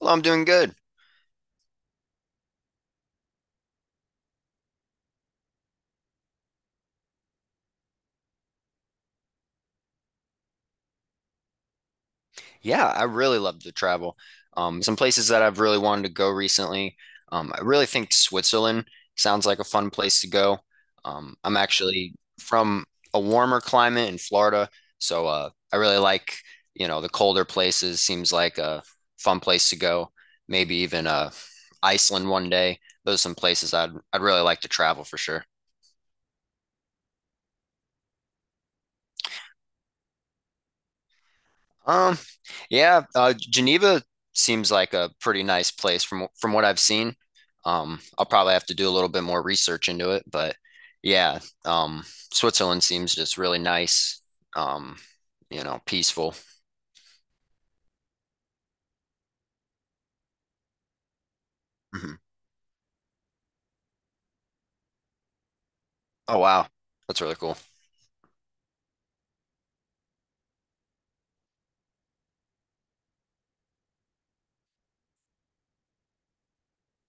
Well, I'm doing good. Yeah, I really love to travel. Some places that I've really wanted to go recently. I really think Switzerland sounds like a fun place to go. I'm actually from a warmer climate in Florida, so I really like, you know, the colder places. Seems like a fun place to go. Maybe even Iceland one day. Those are some places I'd really like to travel for sure. Um, yeah, Geneva seems like a pretty nice place from what I've seen. I'll probably have to do a little bit more research into it, but yeah, um, Switzerland seems just really nice. Um, you know, peaceful. Mhm. Oh wow, that's really cool.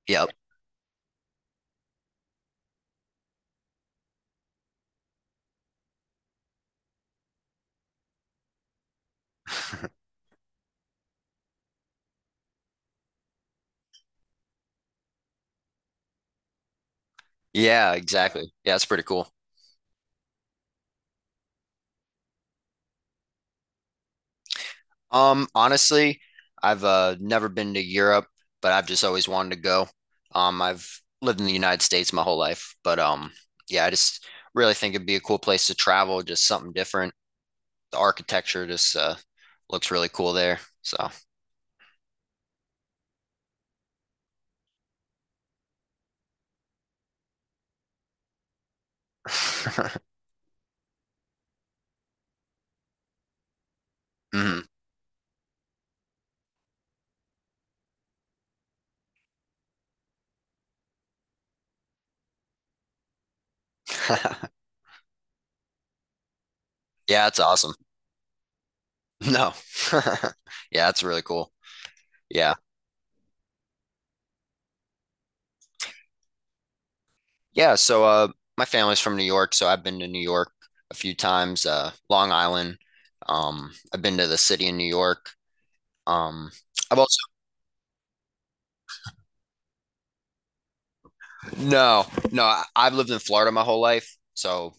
Yep. Yeah, exactly. Yeah, that's pretty cool. Honestly, I've never been to Europe, but I've just always wanted to go. I've lived in the United States my whole life, but yeah, I just really think it'd be a cool place to travel, just something different. The architecture just looks really cool there. So, Mhm. Yeah, it's awesome. No, yeah, that's really cool. Yeah, yeah. So, my family's from New York, so I've been to New York a few times. Long Island. I've been to the city in New York. Um, I've also No, no, I've lived in Florida my whole life, so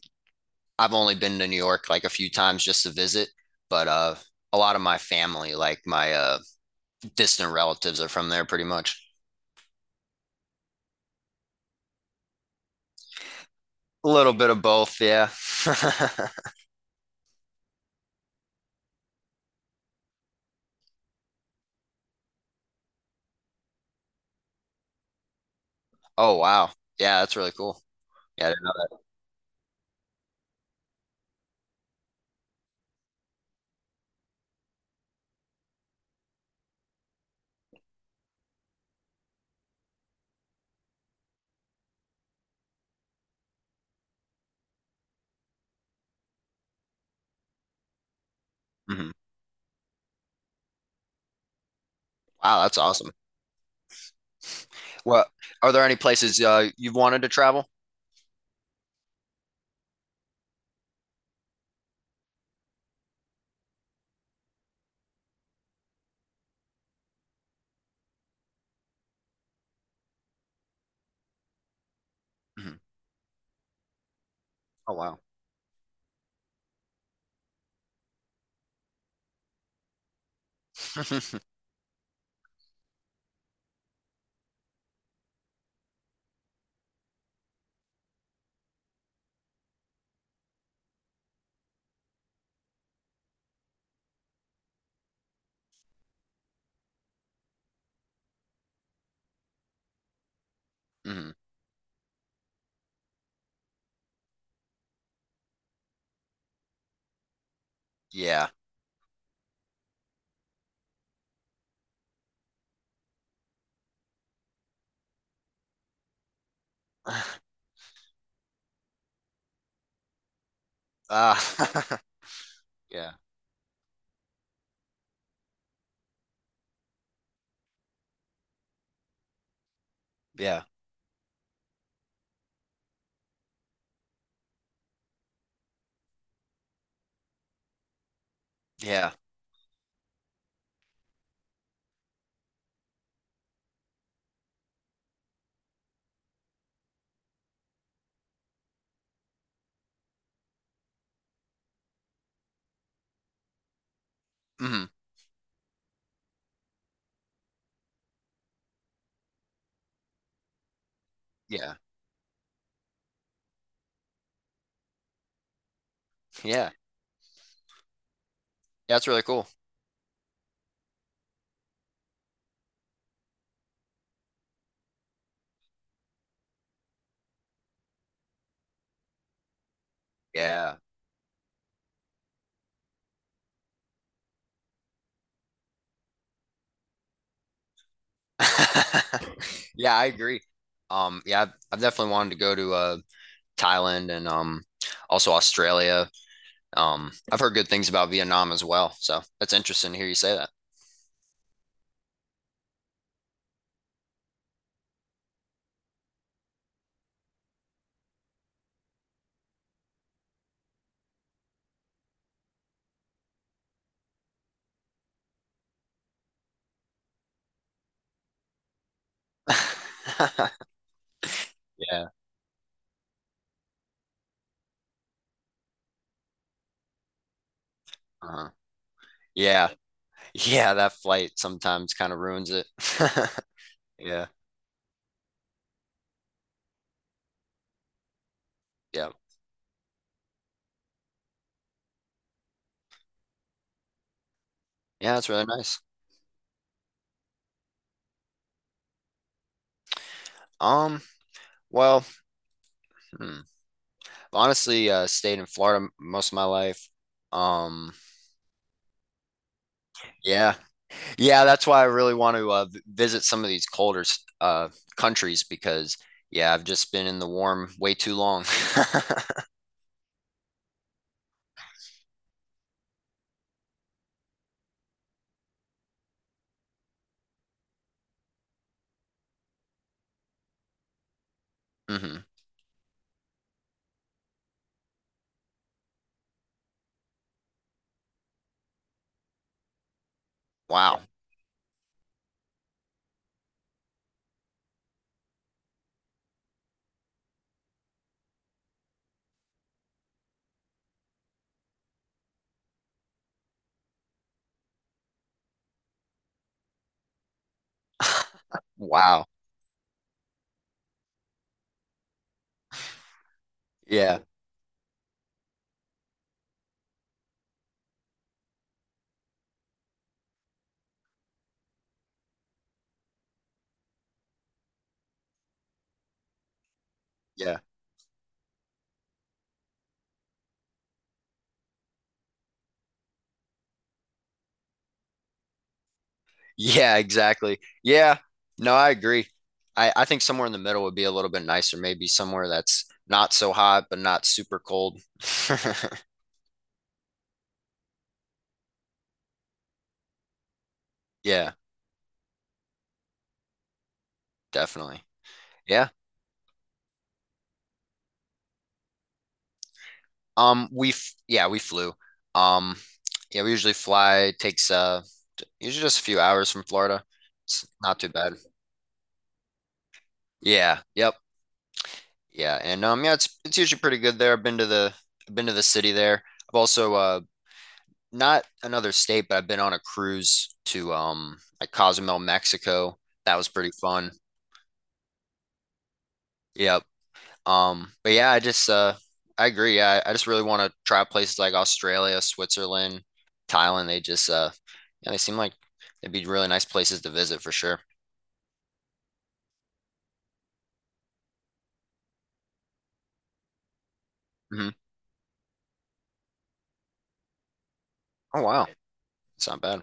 I've only been to New York like a few times just to visit, but a lot of my family, like my distant relatives are from there pretty much. A little bit of both, yeah. Oh wow. Yeah, that's really cool. Yeah, I didn't know that. Mhm. Wow, that's awesome. Well, are there any places you've wanted to travel? Mhm. Oh wow. Mhm. Yeah. Ah. yeah. Yeah. Yeah. Mhm. Yeah. Yeah. Yeah, that's really cool. Yeah. Yeah, I agree. Yeah, I've definitely wanted to go to Thailand and also Australia. I've heard good things about Vietnam as well, so that's interesting to hear you say that. Yeah. Uh-huh. Yeah. Yeah, that flight sometimes kind of ruins it. Yeah. Yeah. Yeah, that's really nice. Um, well, hmm, Honestly, stayed in Florida most of my life. Um, yeah. Yeah, that's why I really want to visit some of these colder uh, countries because, yeah, I've just been in the warm way too long. hmm Wow. Wow. Yeah. Yeah. Yeah, exactly. Yeah. No, I agree. I think somewhere in the middle would be a little bit nicer. Maybe somewhere that's not so hot, but not super cold. Yeah, definitely. Yeah. Yeah, we flew. Um, yeah, we usually fly. It takes usually just a few hours from Florida. It's not too bad. Yeah. Yep. Yeah. And yeah, it's usually pretty good there. I've been to the city there. I've also not another state, but I've been on a cruise to like Cozumel, Mexico. That was pretty fun. Yep. But yeah, I agree. I just really want to try places like Australia, Switzerland, Thailand. They just yeah, they seem like they'd be really nice places to visit for sure. hmm Oh wow. It's not bad.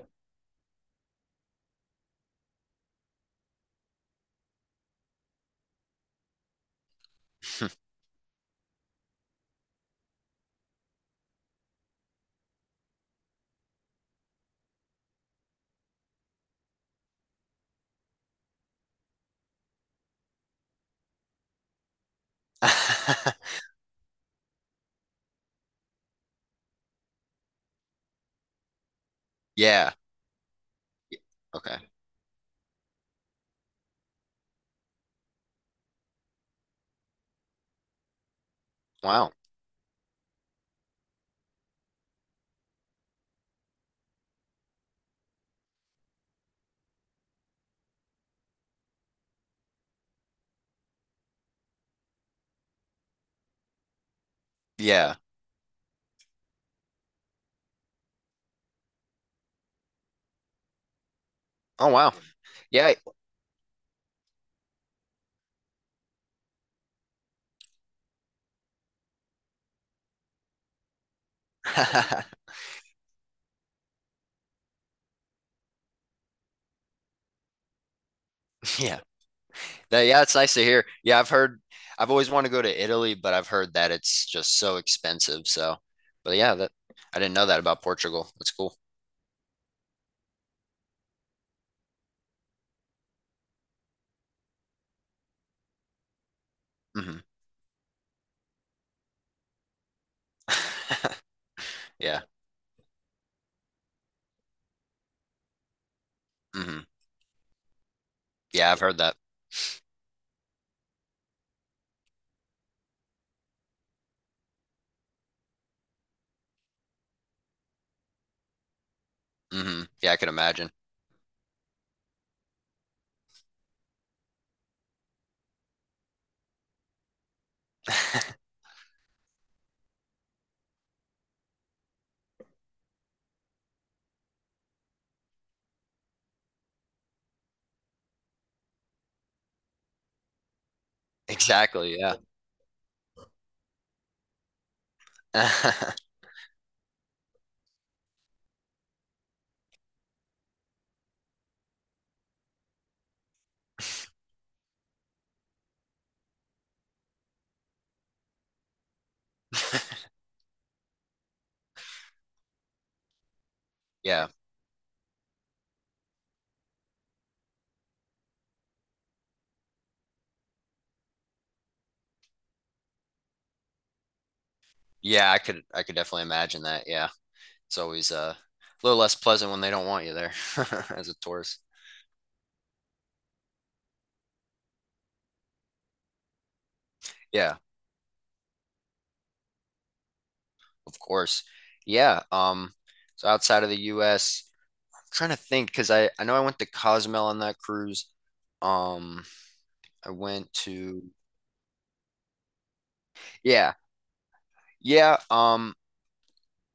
Yeah. Okay. Wow. Yeah. Oh wow. Yeah. Yeah. That, yeah, it's nice to hear. I've always wanted to go to Italy, but I've heard that it's just so expensive. So, but yeah, that I didn't know that about Portugal. That's cool. hmm Yeah. hmm Yeah, I've heard that. Hmm Yeah, I can imagine. Exactly, yeah. Yeah. Yeah, I could definitely imagine that. Yeah. It's always a little less pleasant when they don't want you there as a tourist. Yeah, of course. Yeah, so outside of the US, am trying to think because I know I went to Cozumel on that cruise. Um I went to yeah. Yeah,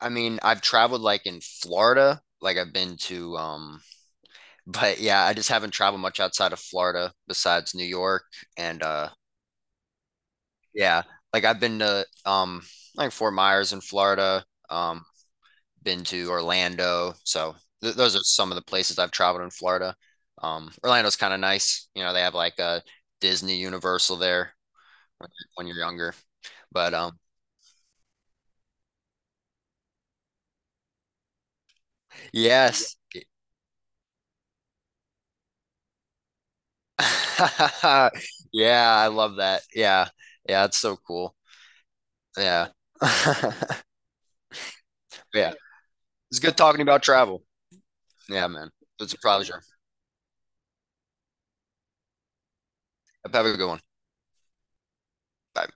I mean, I've traveled like in Florida, like I've been to but yeah, I just haven't traveled much outside of Florida besides New York and yeah, like I've been to like Fort Myers in Florida, um been to Orlando. So th those are some of the places I've traveled in Florida. Orlando's kind of nice. You know, they have like a Disney Universal there when when you're younger. But yes. Yeah, I love that. Yeah. Yeah, it's so cool. Yeah. Yeah. It's good talking about travel. Yeah, man. It's a pleasure. Have a good one. Bye.